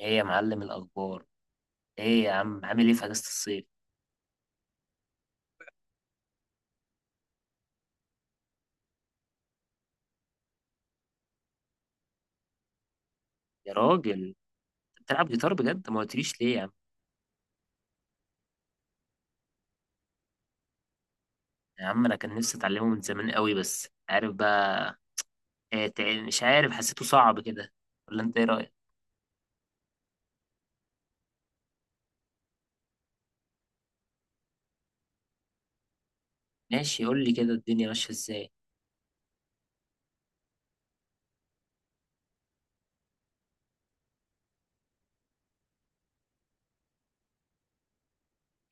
ايه يا معلم، الاخبار؟ ايه يا عم، عامل ايه في اجازه الصيف؟ يا راجل، بتلعب جيتار بجد؟ ما قلتليش ليه يا عم! يا عم انا كان نفسي اتعلمه من زمان قوي، بس عارف بقى إيه، مش عارف، حسيته صعب كده. ولا انت ايه رايك؟ ماشي، قول لي كده الدنيا ماشيه ازاي.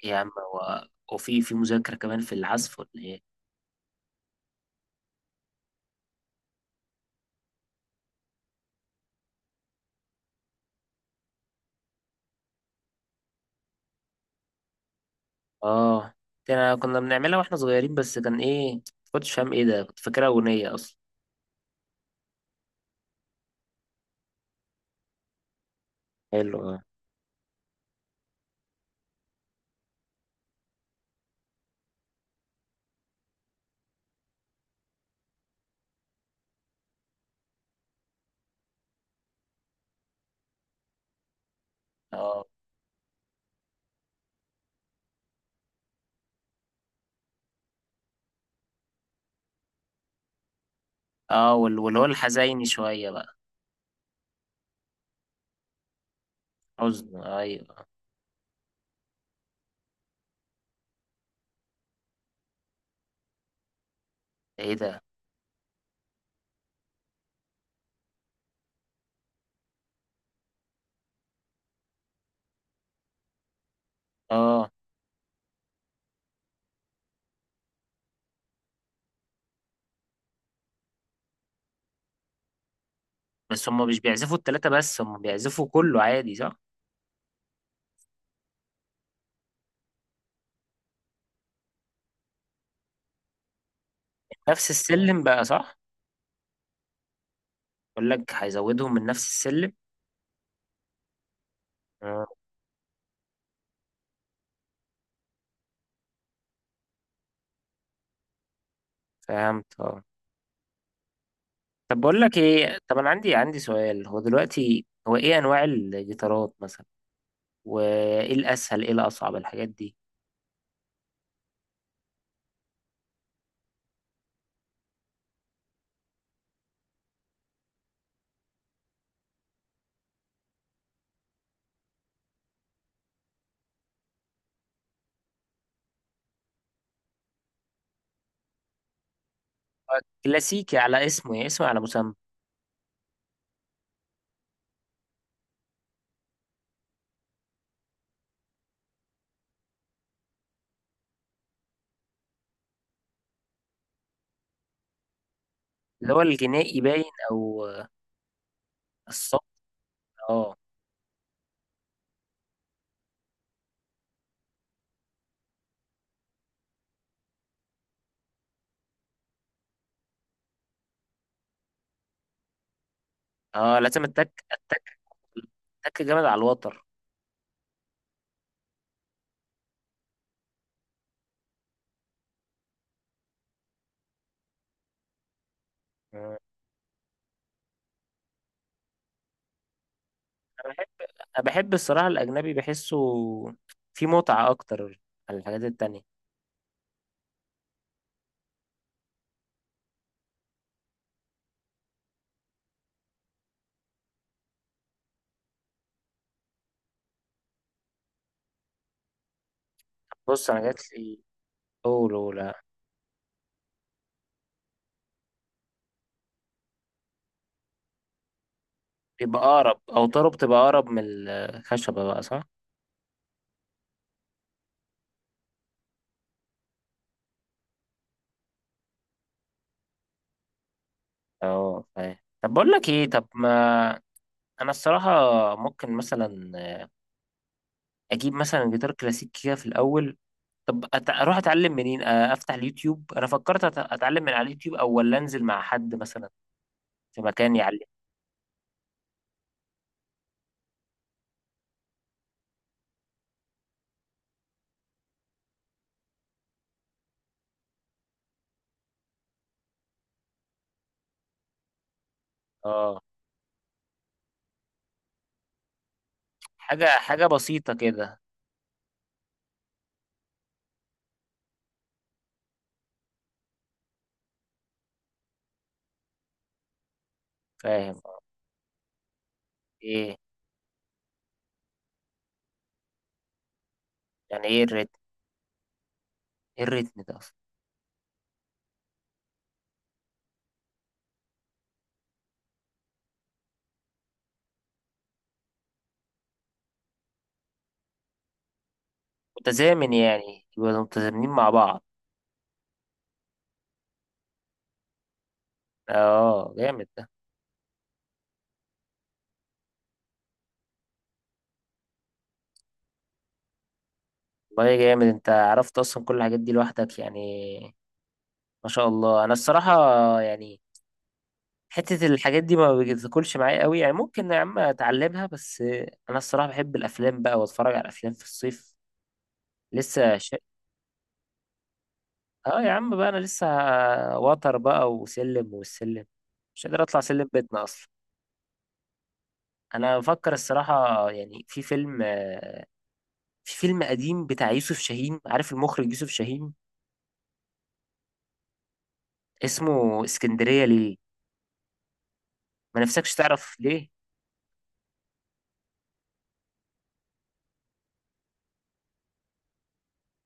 إيه يا عم، هو هو في مذاكره كمان في العزف ولا ايه؟ اه، ده أنا كنا بنعملها واحنا صغيرين، بس كان ايه، ما كنتش فاهم ايه ده، كنت فاكرها اغنيه اصلا. حلو، اه. اه. اه وال- واللي هو الحزيني شويه بقى. حزن، ايوه. ايه ده؟ اه بس هم مش بيعزفوا التلاتة، بس هم بيعزفوا كله عادي صح؟ نفس السلم بقى صح؟ بقول لك هيزودهم من نفس السلم. آه، فهمت اه. طب بقول لك ايه، طب انا عندي سؤال، هو دلوقتي هو ايه انواع الجيتارات مثلا؟ وايه الاسهل ايه الاصعب الحاجات دي؟ هو كلاسيكي على اسمه، يعني اسمه على مسمى. اللي هو الجنائي باين، او آه، الصوت. اه. اه لازم التك، التك جامد على الوتر. آه. أنا بحب الصراحة الأجنبي، بحسه فيه متعة أكتر عن الحاجات التانية. بص أنا جات لي، أولو لا. بيبقى أقرب، أو طرب تبقى أقرب من الخشبة بقى صح؟ أه فاهم. طب بقول لك إيه، طب ما أنا الصراحة ممكن مثلا أجيب مثلا جيتار كلاسيك كده في الأول. طب أروح أتعلم منين؟ آه، أفتح اليوتيوب، أنا فكرت أتعلم من على اليوتيوب، أو ولا أنزل مع حد مثلا في مكان يعلم؟ أه، حاجة بسيطة كده. فاهم. إيه؟ يعني إيه الريتم؟ ايه الريتم ده اصلا؟ متزامن يعني، يبقوا متزامنين مع بعض. اه جامد ده. والله جامد، انت عرفت اصلا كل الحاجات دي لوحدك يعني؟ ما شاء الله. انا الصراحة يعني، حتة الحاجات دي ما بتاكلش معايا قوي يعني، ممكن يا عم اتعلمها بس. انا الصراحة بحب الافلام بقى، واتفرج على افلام في الصيف. لسه ش... اه يا عم بقى، انا لسه وتر بقى وسلم والسلم، مش قادر اطلع سلم بيتنا اصلا. انا بفكر الصراحة يعني في فيلم، في فيلم قديم بتاع يوسف شاهين. عارف المخرج يوسف شاهين؟ اسمه اسكندرية ليه؟ ما نفسكش تعرف ليه؟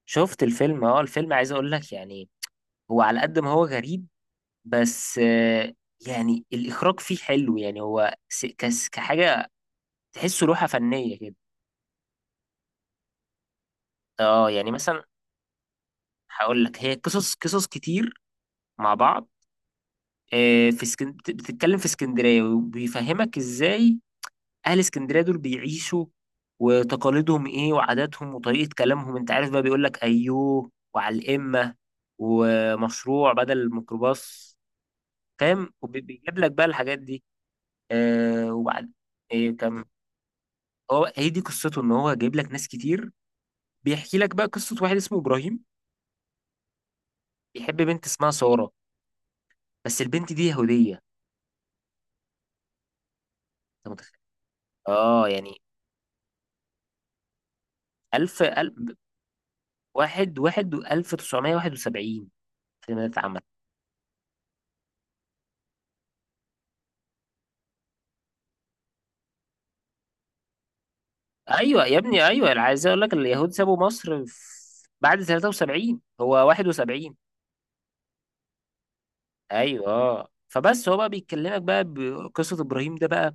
شفت الفيلم اه. الفيلم عايز اقول لك يعني، هو على قد ما هو غريب، بس آه، يعني الاخراج فيه حلو. يعني هو س- كس- كحاجة، تحسه لوحة فنية كده. اه يعني مثلا. هقول لك، هي قصص كتير مع بعض. آه، في بتتكلم في اسكندرية، وبيفهمك ازاي اهل اسكندريه دول بيعيشوا، وتقاليدهم ايه، وعاداتهم، وطريقه كلامهم. انت عارف بقى، بيقول لك ايوه وعلى الامه، ومشروع بدل الميكروباص. فاهم؟ وبيجيب لك بقى الحاجات دي. آه وبعد. ايه كم، هو هي دي قصته، ان هو جايب لك ناس كتير. بيحكي لك بقى قصه واحد اسمه ابراهيم، بيحب بنت اسمها ساره، بس البنت دي يهوديه. انت متخيل؟ اه يعني 1000 1000 واحد واحد 1971، في مدينة عمل. ايوه يا ابني ايوه، انا عايز اقول لك، اليهود سابوا مصر بعد 73، هو 71. ايوه اه، فبس هو بقى بيكلمك بقى بقصه ابراهيم ده بقى،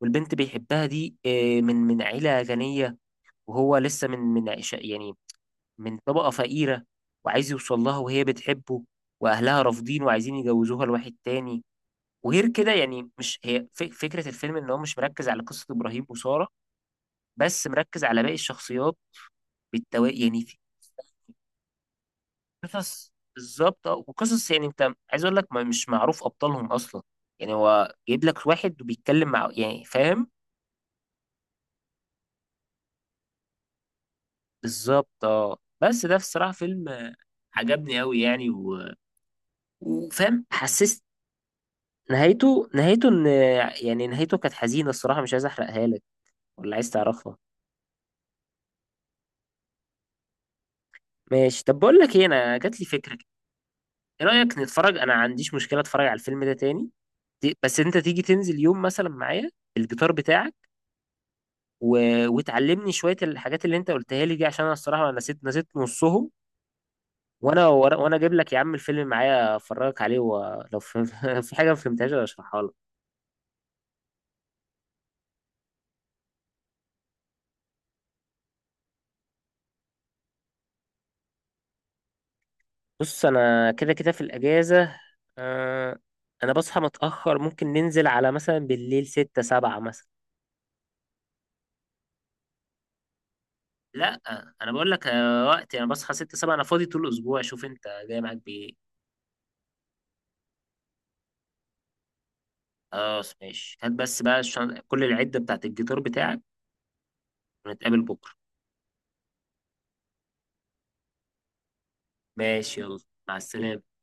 والبنت بيحبها دي آه، من عيله غنيه، وهو لسه من يعني من طبقه فقيره، وعايز يوصل لها، وهي بتحبه، واهلها رافضين وعايزين يجوزوها لواحد تاني. وغير كده يعني، مش هي فكره الفيلم ان هو مش مركز على قصه ابراهيم وساره، بس مركز على باقي الشخصيات بالتوا يعني. قصص بالظبط، اه. وقصص يعني، انت عايز اقول لك، ما مش معروف ابطالهم اصلا. يعني هو جايب لك واحد وبيتكلم مع، يعني فاهم. بالظبط اه. بس ده الصراحه فيلم آه، عجبني قوي يعني، و... وفاهم، حسست. نهايته، نهايته ان، يعني نهايته كانت حزينه الصراحه، مش عايز احرقها لك ولا عايز تعرفها. ماشي، طب بقول لك ايه، انا جات لي فكره كده. ايه رايك نتفرج؟ انا ما عنديش مشكله اتفرج على الفيلم ده تاني. بس انت تيجي تنزل يوم مثلا معايا بالجيتار بتاعك، و... وتعلمني شويه الحاجات اللي انت قلتها لي دي، عشان انا الصراحه نسيت نصهم. وانا اجيب لك يا عم الفيلم معايا، افرجك عليه، ولو في، في حاجه ما فهمتهاش أنا اشرحها لك. بص انا كده كده في الاجازه. آه... انا بصحى متاخر، ممكن ننزل على مثلا بالليل ستة سبعة مثلا. لا، انا بقول لك آه، وقتي انا بصحى 6 7، انا فاضي طول الاسبوع، شوف انت جاي معاك بايه. خلاص ماشي، هات بس بقى كل العده بتاعت الجيتار بتاعك، ونتقابل بكره. ماشي، يلا، مع السلامه.